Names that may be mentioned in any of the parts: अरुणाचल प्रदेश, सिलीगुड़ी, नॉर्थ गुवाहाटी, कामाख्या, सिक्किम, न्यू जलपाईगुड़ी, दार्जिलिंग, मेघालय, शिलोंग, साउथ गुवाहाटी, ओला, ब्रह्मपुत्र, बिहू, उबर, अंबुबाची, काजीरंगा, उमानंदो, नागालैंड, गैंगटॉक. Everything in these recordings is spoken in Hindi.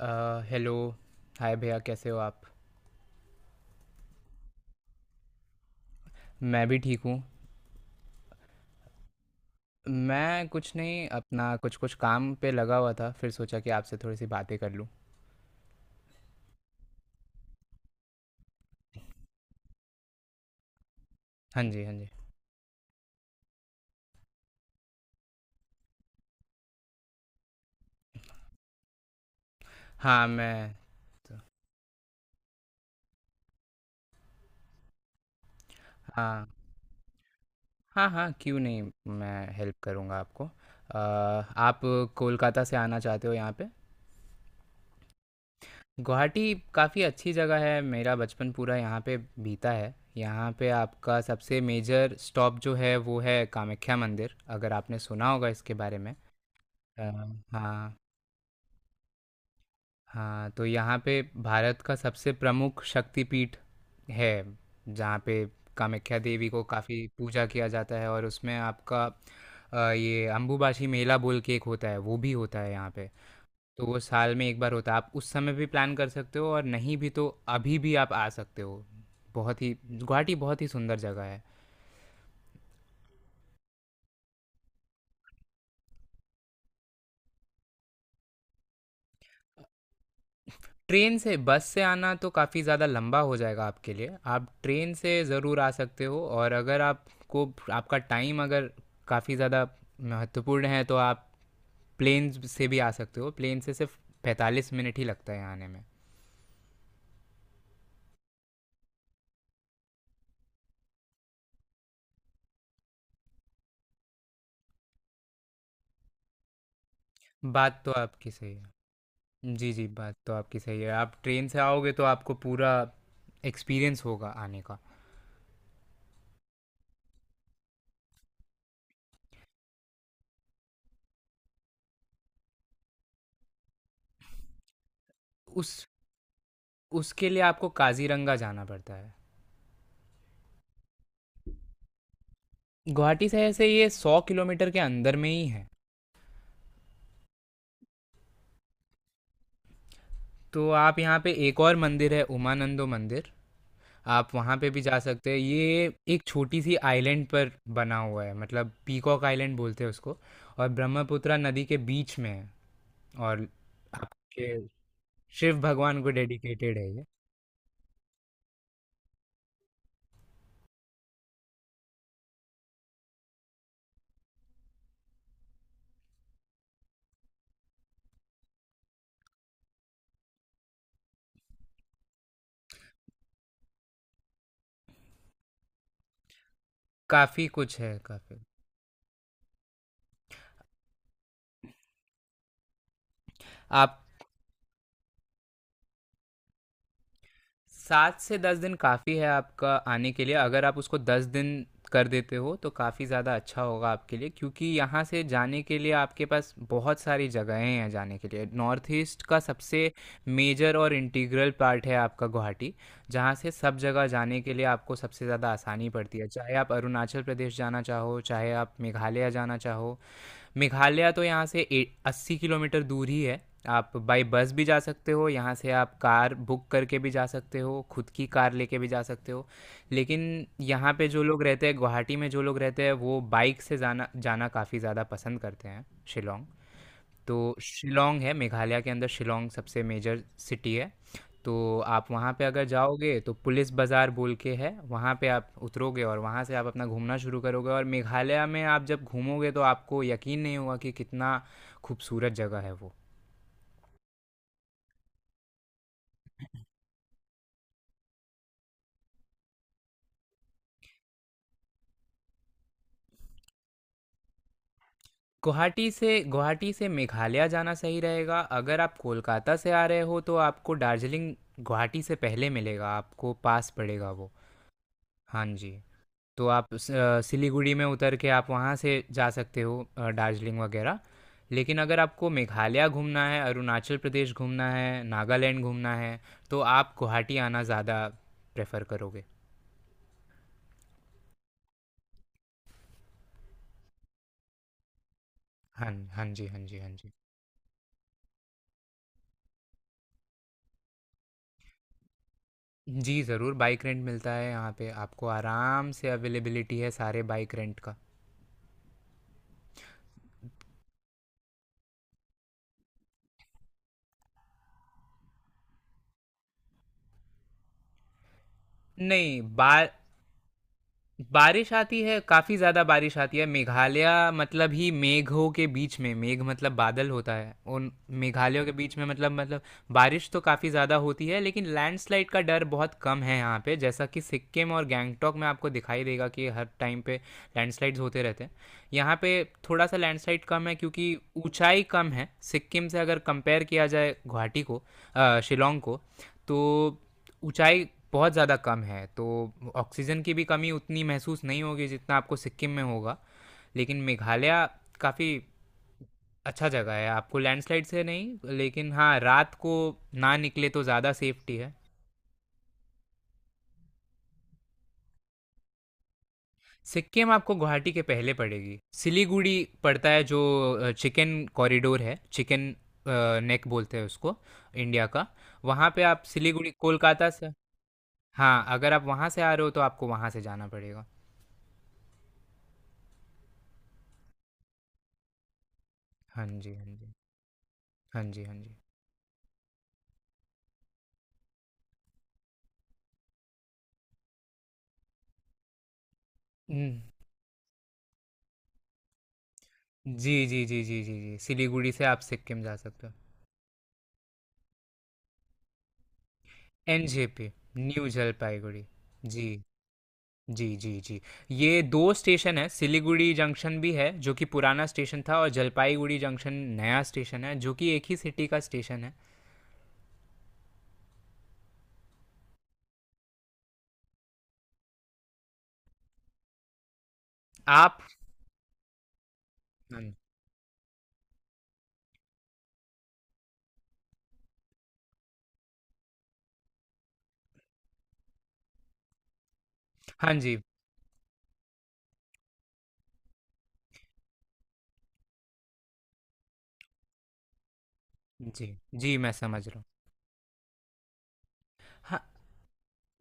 हेलो। हाय भैया, कैसे हो आप? मैं भी ठीक हूँ। मैं कुछ नहीं, अपना कुछ कुछ काम पे लगा हुआ था, फिर सोचा कि आपसे थोड़ी सी बातें कर लूँ। हाँ जी, हाँ जी। हाँ, मैं। हाँ हाँ, हाँ, क्यों नहीं, मैं हेल्प करूँगा आपको। आप कोलकाता से आना चाहते हो यहाँ पे। गुवाहाटी काफ़ी अच्छी जगह है, मेरा बचपन पूरा यहाँ पे बीता है। यहाँ पे आपका सबसे मेजर स्टॉप जो है वो है कामाख्या मंदिर, अगर आपने सुना होगा इसके बारे में। अ, हाँ। हाँ, तो यहाँ पे भारत का सबसे प्रमुख शक्तिपीठ है, जहाँ पे कामाख्या देवी को काफ़ी पूजा किया जाता है। और उसमें आपका ये अंबुबाची मेला बोल के एक होता है, वो भी होता है यहाँ पे। तो वो साल में एक बार होता है, आप उस समय भी प्लान कर सकते हो, और नहीं भी तो अभी भी आप आ सकते हो। बहुत ही गुवाहाटी बहुत ही सुंदर जगह है। ट्रेन से बस से आना तो काफ़ी ज़्यादा लंबा हो जाएगा आपके लिए, आप ट्रेन से ज़रूर आ सकते हो। और अगर आपको आपका टाइम अगर काफ़ी ज़्यादा महत्वपूर्ण है, तो आप प्लेन से भी आ सकते हो। प्लेन से सिर्फ 45 मिनट ही लगता है आने में। बात तो आपकी सही है। जी जी, बात तो आपकी सही है। आप ट्रेन से आओगे तो आपको पूरा एक्सपीरियंस होगा आने का। उस उसके लिए आपको काजीरंगा जाना पड़ता है। गुवाहाटी शहर से ये 100 किलोमीटर के अंदर में ही है। तो आप यहाँ पे एक और मंदिर है उमानंदो मंदिर, आप वहाँ पे भी जा सकते हैं। ये एक छोटी सी आइलैंड पर बना हुआ है, मतलब पीकॉक आइलैंड बोलते हैं उसको, और ब्रह्मपुत्रा नदी के बीच में है। और आपके शिव भगवान को डेडिकेटेड है ये। काफ़ी कुछ है काफ़ी। आप 7 से 10 दिन काफ़ी है आपका आने के लिए, अगर आप उसको 10 दिन कर देते हो, तो काफ़ी ज़्यादा अच्छा होगा आपके लिए, क्योंकि यहाँ से जाने के लिए आपके पास बहुत सारी जगहें हैं जाने के लिए। नॉर्थ ईस्ट का सबसे मेजर और इंटीग्रल पार्ट है आपका गुवाहाटी, जहाँ से सब जगह जाने के लिए आपको सबसे ज़्यादा आसानी पड़ती है। चाहे आप अरुणाचल प्रदेश जाना चाहो, चाहे आप मेघालय जाना चाहो, मेघालय तो यहाँ से 80 किलोमीटर दूर ही है। आप बाई बस भी जा सकते हो, यहाँ से आप कार बुक करके भी जा सकते हो, खुद की कार लेके भी जा सकते हो। लेकिन यहाँ पे जो लोग रहते हैं, गुवाहाटी में जो लोग रहते हैं, वो बाइक से जाना जाना काफ़ी ज़्यादा पसंद करते हैं। शिलोंग तो शिलोंग है मेघालय के अंदर, शिलोंग सबसे मेजर सिटी है। तो आप वहाँ पे अगर जाओगे तो पुलिस बाज़ार बोल के है वहाँ पे, आप उतरोगे और वहाँ से आप अपना घूमना शुरू करोगे। और मेघालय में आप जब घूमोगे तो आपको यकीन नहीं होगा कि कितना खूबसूरत जगह है वो। गुवाहाटी से मेघालय जाना सही रहेगा। अगर आप कोलकाता से आ रहे हो, तो आपको दार्जिलिंग गुवाहाटी से पहले मिलेगा, आपको पास पड़ेगा वो। हाँ जी। तो आप सिलीगुड़ी में उतर के आप वहाँ से जा सकते हो दार्जिलिंग वगैरह। लेकिन अगर आपको मेघालय घूमना है, अरुणाचल प्रदेश घूमना है, नागालैंड घूमना है, तो आप गुवाहाटी आना ज़्यादा प्रेफर करोगे। हाँ हाँ जी, हाँ जी, हाँ जी। जी ज़रूर, बाइक रेंट मिलता है यहाँ पे, आपको आराम से अवेलेबिलिटी है सारे बाइक रेंट का। नहीं बा बारिश आती है, काफ़ी ज़्यादा बारिश आती है। मेघालय मतलब ही मेघों के बीच में, मेघ मतलब बादल होता है, उन मेघालयों के बीच में, मतलब बारिश तो काफ़ी ज़्यादा होती है। लेकिन लैंडस्लाइड का डर बहुत कम है यहाँ पे, जैसा कि सिक्किम और गैंगटॉक में आपको दिखाई देगा कि हर टाइम पे लैंडस्लाइड्स होते रहते हैं। यहाँ पे थोड़ा सा लैंडस्लाइड कम है, क्योंकि ऊंचाई कम है सिक्किम से। अगर कंपेयर किया जाए गुवाहाटी को, शिलोंग को, तो ऊँचाई बहुत ज़्यादा कम है। तो ऑक्सीजन की भी कमी उतनी महसूस नहीं होगी जितना आपको सिक्किम में होगा। लेकिन मेघालय काफ़ी अच्छा जगह है, आपको लैंडस्लाइड से नहीं, लेकिन हाँ, रात को ना निकले तो ज़्यादा सेफ्टी है। सिक्किम आपको गुवाहाटी के पहले पड़ेगी। सिलीगुड़ी पड़ता है, जो चिकन कॉरिडोर है, चिकन नेक बोलते हैं उसको, इंडिया का। वहाँ पे आप सिलीगुड़ी कोलकाता से। हाँ, अगर आप वहाँ से आ रहे हो तो आपको वहाँ से जाना पड़ेगा। हाँ जी, हाँ जी। हाँ जी, हाँ जी। हम्म। जी जी जी, जी जी जी, सिलीगुड़ी से आप सिक्किम जा सकते हो। NJP, न्यू जलपाईगुड़ी। जी। जी जी जी। ये दो स्टेशन है, सिलीगुड़ी जंक्शन भी है जो कि पुराना स्टेशन था, और जलपाईगुड़ी जंक्शन नया स्टेशन है, जो कि एक ही सिटी का स्टेशन है। आप हाँ। हाँ जी। जी, जी मैं समझ रहा हूँ। हाँ,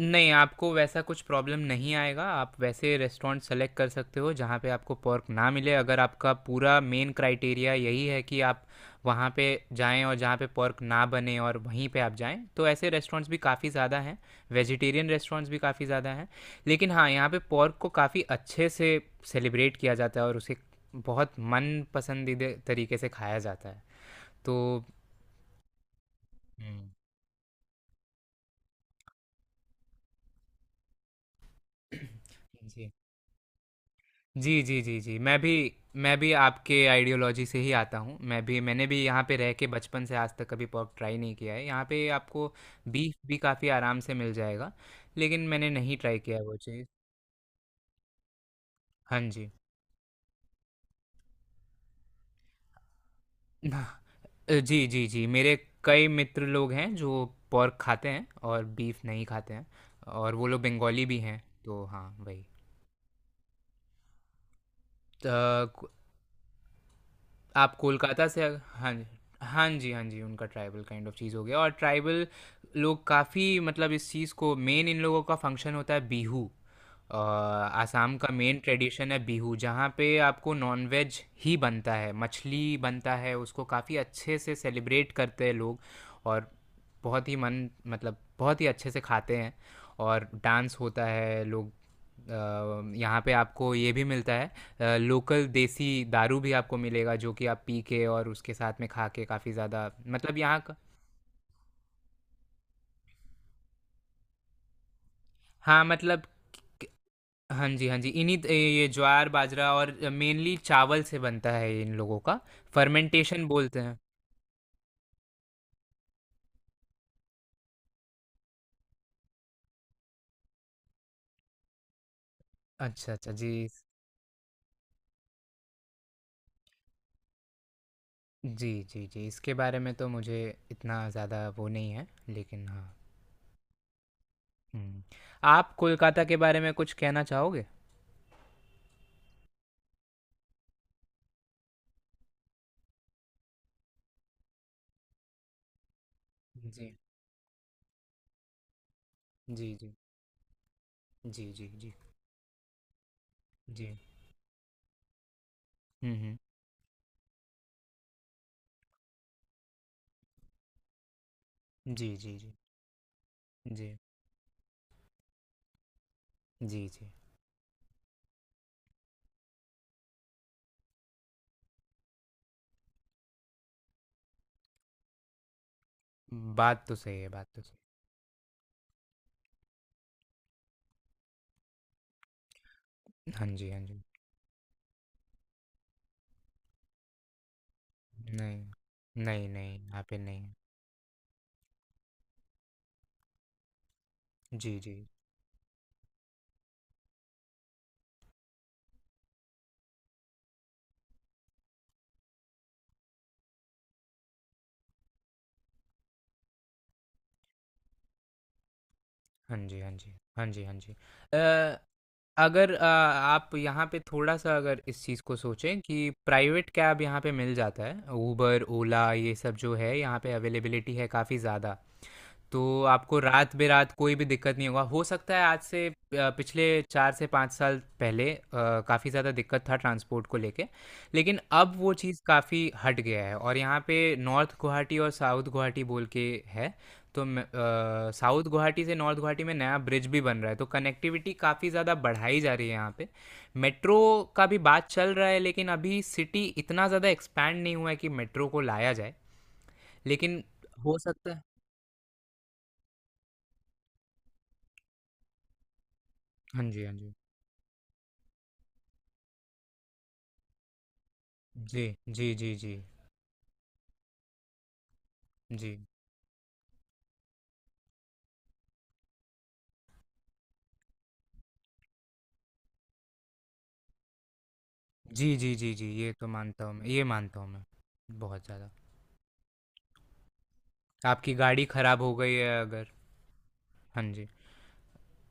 नहीं, आपको वैसा कुछ प्रॉब्लम नहीं आएगा। आप वैसे रेस्टोरेंट सेलेक्ट कर सकते हो जहाँ पे आपको पोर्क ना मिले। अगर आपका पूरा मेन क्राइटेरिया यही है कि आप वहाँ पे जाएँ और जहाँ पे पोर्क ना बने और वहीं पे आप जाएँ, तो ऐसे रेस्टोरेंट्स भी काफ़ी ज़्यादा हैं। वेजिटेरियन रेस्टोरेंट्स भी काफ़ी ज़्यादा हैं। लेकिन हाँ, यहाँ पे पोर्क को काफ़ी अच्छे से सेलिब्रेट किया जाता है, और उसे बहुत मन पसंदीदा तरीके से खाया जाता है। तो हुँ। जी। जी, जी, जी, जी। मैं भी आपके आइडियोलॉजी से ही आता हूँ। मैं भी, मैंने भी यहाँ पे रह के बचपन से आज तक कभी पोर्क ट्राई नहीं किया है। यहाँ पे आपको बीफ भी काफ़ी आराम से मिल जाएगा, लेकिन मैंने नहीं ट्राई किया है वो चीज़। हाँ जी। ना- जी, जी, जी। मेरे कई मित्र लोग हैं जो पोर्क खाते हैं और बीफ नहीं खाते हैं, और वो लोग बंगाली भी हैं, तो हाँ, वही। त आप कोलकाता से हाँ जी। हाँ जी, हाँ जी, उनका ट्राइबल काइंड ऑफ चीज़ हो गया। और ट्राइबल लोग काफ़ी, मतलब इस चीज़ को, मेन इन लोगों का फंक्शन होता है बिहू। आसाम का मेन ट्रेडिशन है बिहू, जहाँ पे आपको नॉनवेज ही बनता है, मछली बनता है, उसको काफ़ी अच्छे से सेलिब्रेट करते हैं लोग। और बहुत ही मन, मतलब बहुत ही अच्छे से खाते हैं और डांस होता है लोग। यहाँ पे आपको ये भी मिलता है, लोकल देसी दारू भी आपको मिलेगा, जो कि आप पी के और उसके साथ में खा के काफ़ी ज़्यादा, मतलब यहाँ का हाँ, मतलब क- हाँ जी, हाँ जी, ये ज्वार बाजरा और मेनली चावल से बनता है, इन लोगों का फर्मेंटेशन बोलते हैं। अच्छा अच्छा जी। जी जी, जी इसके बारे में तो मुझे इतना ज़्यादा वो नहीं है, लेकिन हाँ। हम्म। आप कोलकाता के बारे में कुछ कहना चाहोगे? जी जी जी, जी जी जी जी। हम्म। जी, जी, जी। जी। जी, जी। बात तो सही है, बात तो सही है। हाँ जी, हाँ जी। नहीं। नहीं, नहीं, यहाँ पे नहीं। जी, जी। हाँ जी, हाँ जी। हाँ जी, हाँ जी। अगर आप यहाँ पे थोड़ा-सा अगर इस चीज़ को सोचें, कि प्राइवेट कैब यहाँ पे मिल जाता है, उबर, ओला ये सब जो है, यहाँ पे अवेलेबिलिटी है काफ़ी ज़्यादा। तो आपको रात बेरात कोई भी दिक्कत नहीं होगा। हो सकता है आज से, पिछले 4 से 5 साल पहले काफ़ी ज़्यादा दिक्कत था ट्रांसपोर्ट को लेके, लेकिन अब वो चीज़ काफ़ी हट गया है। और यहाँ पे नॉर्थ गुवाहाटी और साउथ गुवाहाटी बोल के है, तो साउथ गुवाहाटी से नॉर्थ गुवाहाटी में नया ब्रिज भी बन रहा है, तो कनेक्टिविटी काफ़ी ज़्यादा बढ़ाई जा रही है यहाँ पे। मेट्रो का भी बात चल रहा है, लेकिन अभी सिटी इतना ज़्यादा एक्सपैंड नहीं हुआ है कि मेट्रो को लाया जाए, लेकिन हो सकता है। हाँ जी, हाँ जी। जी जी जी, जी जी जी, जी जी जी ये तो मानता हूँ मैं, ये मानता हूँ मैं, बहुत ज़्यादा। आपकी गाड़ी खराब हो गई है अगर, हाँ जी।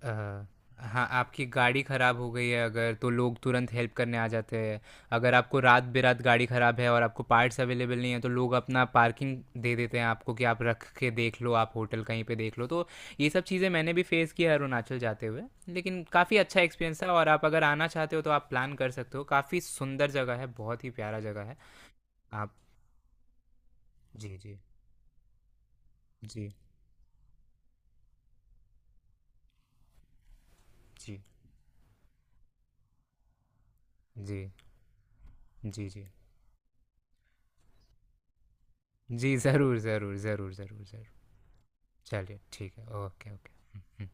अ, हाँ, आपकी गाड़ी ख़राब हो गई है अगर, तो लोग तुरंत हेल्प करने आ जाते हैं। अगर आपको रात बेरात गाड़ी ख़राब है और आपको पार्ट्स अवेलेबल नहीं है, तो लोग अपना पार्किंग दे देते हैं आपको, कि आप रख के देख लो, आप होटल कहीं पे देख लो। तो ये सब चीज़ें मैंने भी फेस किया है अरुणाचल जाते हुए, लेकिन काफ़ी अच्छा एक्सपीरियंस था। और आप अगर आना चाहते हो तो आप प्लान कर सकते हो, काफ़ी सुंदर जगह है, बहुत ही प्यारा जगह है। आप जी, जी जी जी, जी जी जी जी। ज़रूर ज़रूर ज़रूर ज़रूर ज़रूर। चलिए ठीक है, ओके ओके।